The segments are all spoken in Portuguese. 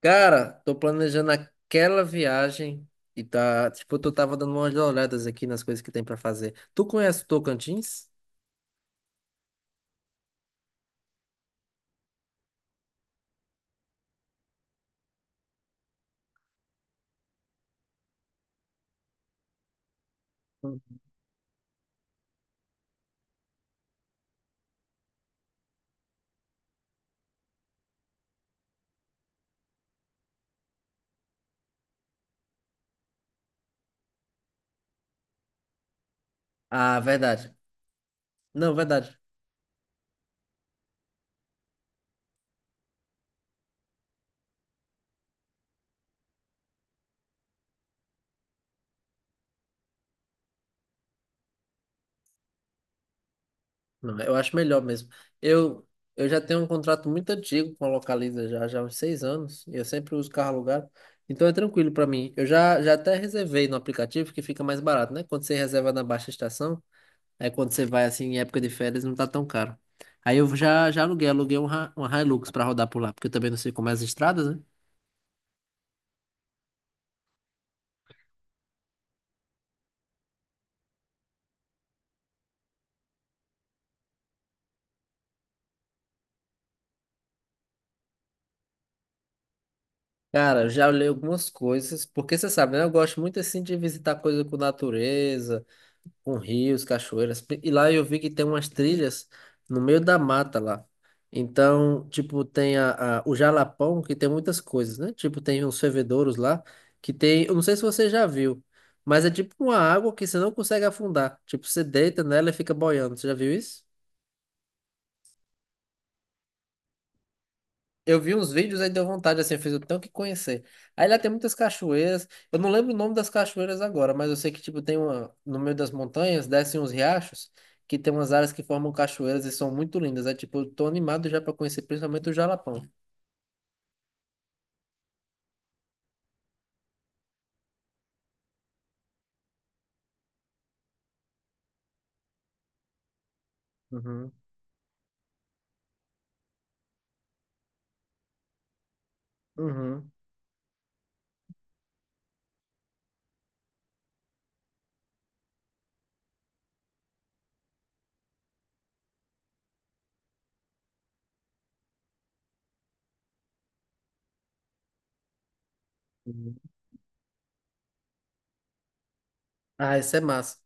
Cara, tô planejando aquela viagem e tá, tipo, eu tava dando umas olhadas aqui nas coisas que tem pra fazer. Tu conhece o Tocantins? Hum. Ah, verdade. Não, verdade. Não, eu acho melhor mesmo. Eu, eu já tenho um contrato muito antigo com a Localiza, já há uns 6 anos, e eu sempre uso carro alugado. Então é tranquilo pra mim. Eu já até reservei no aplicativo que fica mais barato, né? Quando você reserva na baixa estação. Aí quando você vai assim em época de férias não tá tão caro. Aí eu já aluguei uma Hilux pra rodar por lá, porque eu também não sei como é as estradas, né? Cara, eu já olhei algumas coisas, porque você sabe, né? Eu gosto muito assim de visitar coisa com natureza, com rios, cachoeiras. E lá eu vi que tem umas trilhas no meio da mata lá. Então, tipo, tem o Jalapão, que tem muitas coisas, né? Tipo, tem uns fervedouros lá, que tem, eu não sei se você já viu, mas é tipo uma água que você não consegue afundar. Tipo, você deita nela e fica boiando. Você já viu isso? Eu vi uns vídeos aí deu vontade, assim, eu fiz o tanto que conhecer. Aí lá tem muitas cachoeiras. Eu não lembro o nome das cachoeiras agora, mas eu sei que, tipo, tem uma. No meio das montanhas, descem uns riachos, que tem umas áreas que formam cachoeiras e são muito lindas. É tipo, eu tô animado já pra conhecer, principalmente o Jalapão. Uhum, uhum, uhum. Ah, isso é massa.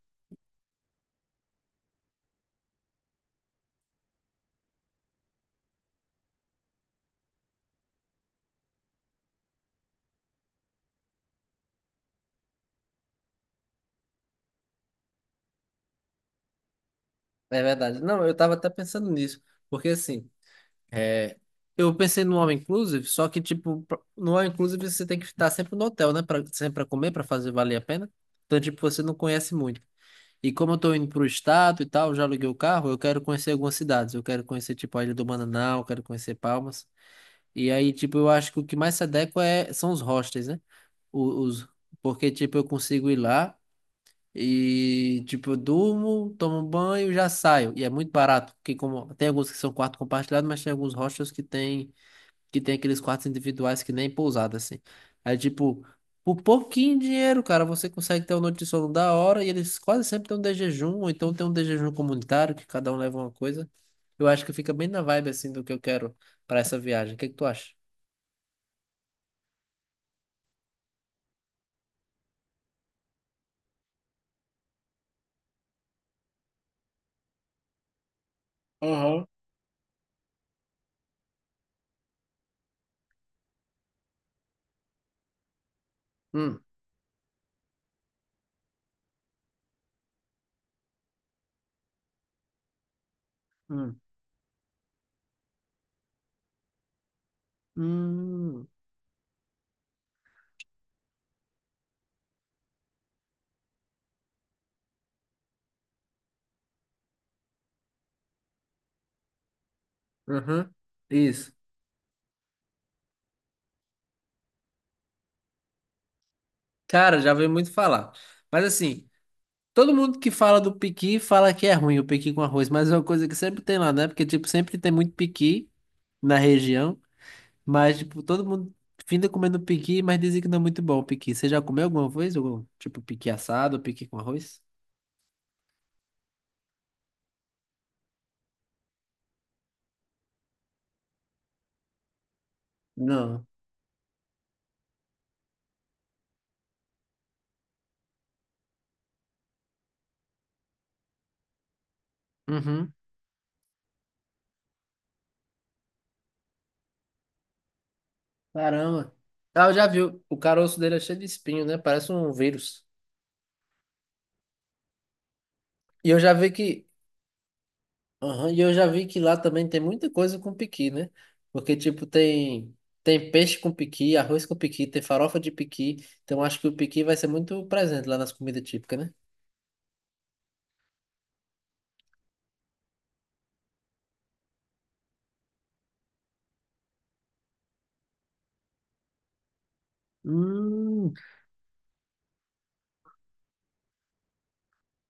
É verdade. Não, eu tava até pensando nisso. Porque assim. É, eu pensei no all inclusive, só que tipo, pra- no all inclusive você tem que estar sempre no hotel, né? Pra, sempre pra comer, pra fazer valer a pena. Então, tipo, você não conhece muito. E como eu tô indo pro estado e tal, já aluguei o carro, eu quero conhecer algumas cidades. Eu quero conhecer, tipo, a Ilha do Mananal, eu quero conhecer Palmas. E aí, tipo, eu acho que o que mais se adequa é, são os hostels, né? O- Os, porque, tipo, eu consigo ir lá e, tipo, eu durmo, tomo um banho, já saio. E é muito barato, porque como tem alguns que são quarto compartilhado, mas tem alguns hostels que tem aqueles quartos individuais que nem pousada, assim. Aí, tipo, por pouquinho dinheiro, cara, você consegue ter um noite de sono da hora e eles quase sempre têm um de jejum, ou então tem um de jejum comunitário, que cada um leva uma coisa. Eu acho que fica bem na vibe, assim, do que eu quero para essa viagem. O que que tu acha? Aham. Hum, hum, hum, uhum, isso. Cara, já veio muito falar. Mas assim, todo mundo que fala do piqui fala que é ruim o piqui com arroz, mas é uma coisa que sempre tem lá, né? Porque, tipo, sempre tem muito piqui na região. Mas, tipo, todo mundo finda comendo piqui, mas dizem que não é muito bom o piqui. Você já comeu alguma vez? Algum, tipo, piqui assado, ou piqui com arroz? Não. Uhum. Caramba. Ah, eu já vi. O caroço dele é cheio de espinho, né? Parece um vírus. E eu já vi que. Aham, e eu já vi que lá também tem muita coisa com piqui, né? Porque, tipo, tem. Tem peixe com piqui, arroz com piqui, tem farofa de piqui. Então, acho que o piqui vai ser muito presente lá nas comidas típicas, né? Hum.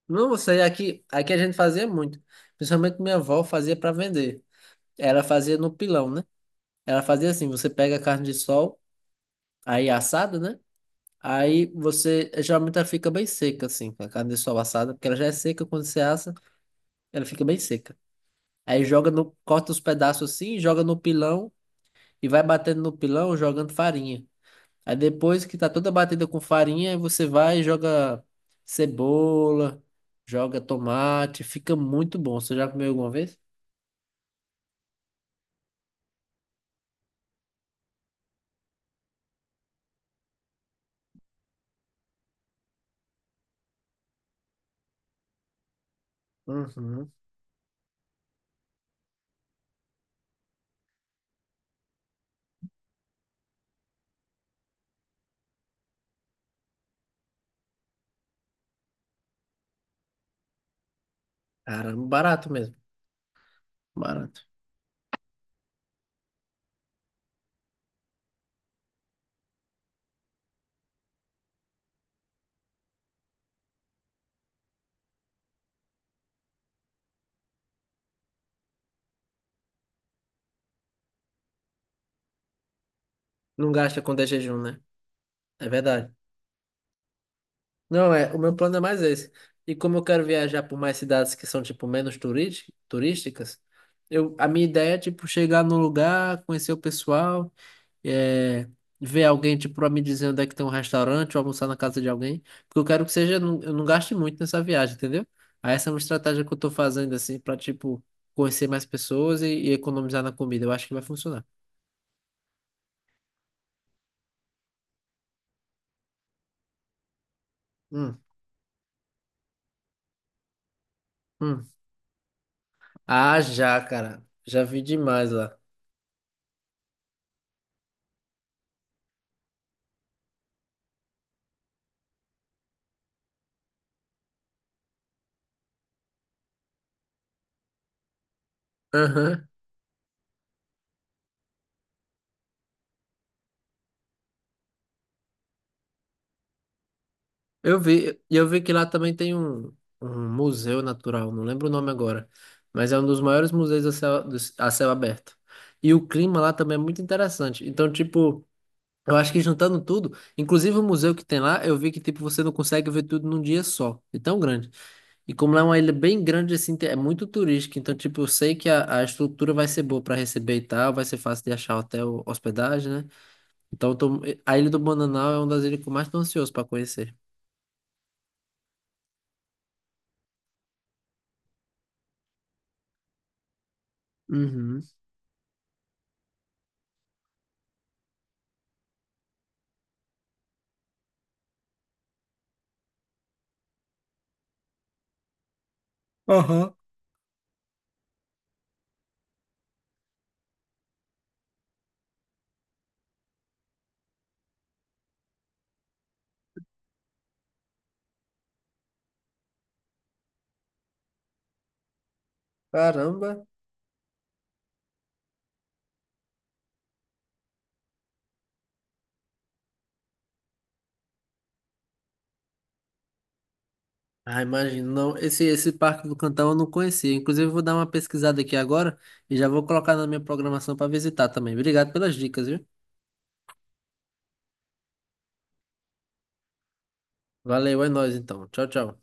Não, isso aí aqui, aqui a gente fazia muito. Principalmente minha avó fazia para vender. Ela fazia no pilão, né? Ela fazia assim, você pega a carne de sol, aí é assada, né? Aí você, geralmente ela fica bem seca, assim, com a carne de sol assada, porque ela já é seca quando você assa, ela fica bem seca. Aí joga no, corta os pedaços assim, joga no pilão e vai batendo no pilão, jogando farinha. Aí depois que tá toda batida com farinha, aí você vai e joga cebola, joga tomate, fica muito bom. Você já comeu alguma vez? Uhum. Caramba, barato mesmo. Barato. Não gasta quando é jejum, né? É verdade. Não, é, o meu plano é mais esse. E como eu quero viajar por mais cidades que são, tipo, turísticas, eu, a minha ideia é, tipo, chegar num lugar, conhecer o pessoal. É, ver alguém, tipo, pra me dizer onde é que tem um restaurante ou almoçar na casa de alguém, porque eu quero que seja, eu não gaste muito nessa viagem, entendeu? Aí essa é uma estratégia que eu tô fazendo, assim, pra, tipo, conhecer mais pessoas e economizar na comida. Eu acho que vai funcionar. Hum, hum. Ah, já, cara. Já vi demais lá. Aham. Eu vi, e eu vi que lá também tem um museu natural, não lembro o nome agora, mas é um dos maiores museus a céu aberto. E o clima lá também é muito interessante. Então, tipo, eu acho que juntando tudo, inclusive o museu que tem lá, eu vi que tipo você não consegue ver tudo num dia só, é tão grande. E como lá é uma ilha bem grande assim, é muito turística, então tipo eu sei que a estrutura vai ser boa para receber e tal, vai ser fácil de achar hotel, hospedagem, né? Então eu tô- a Ilha do Bananal é uma das ilhas que eu mais tô ansioso para conhecer. Uhum. Aham. Caramba. Ah, imagino. Não, esse Parque do Cantão eu não conhecia. Inclusive, eu vou dar uma pesquisada aqui agora e já vou colocar na minha programação para visitar também. Obrigado pelas dicas, viu? Valeu, é nóis então. Tchau, tchau.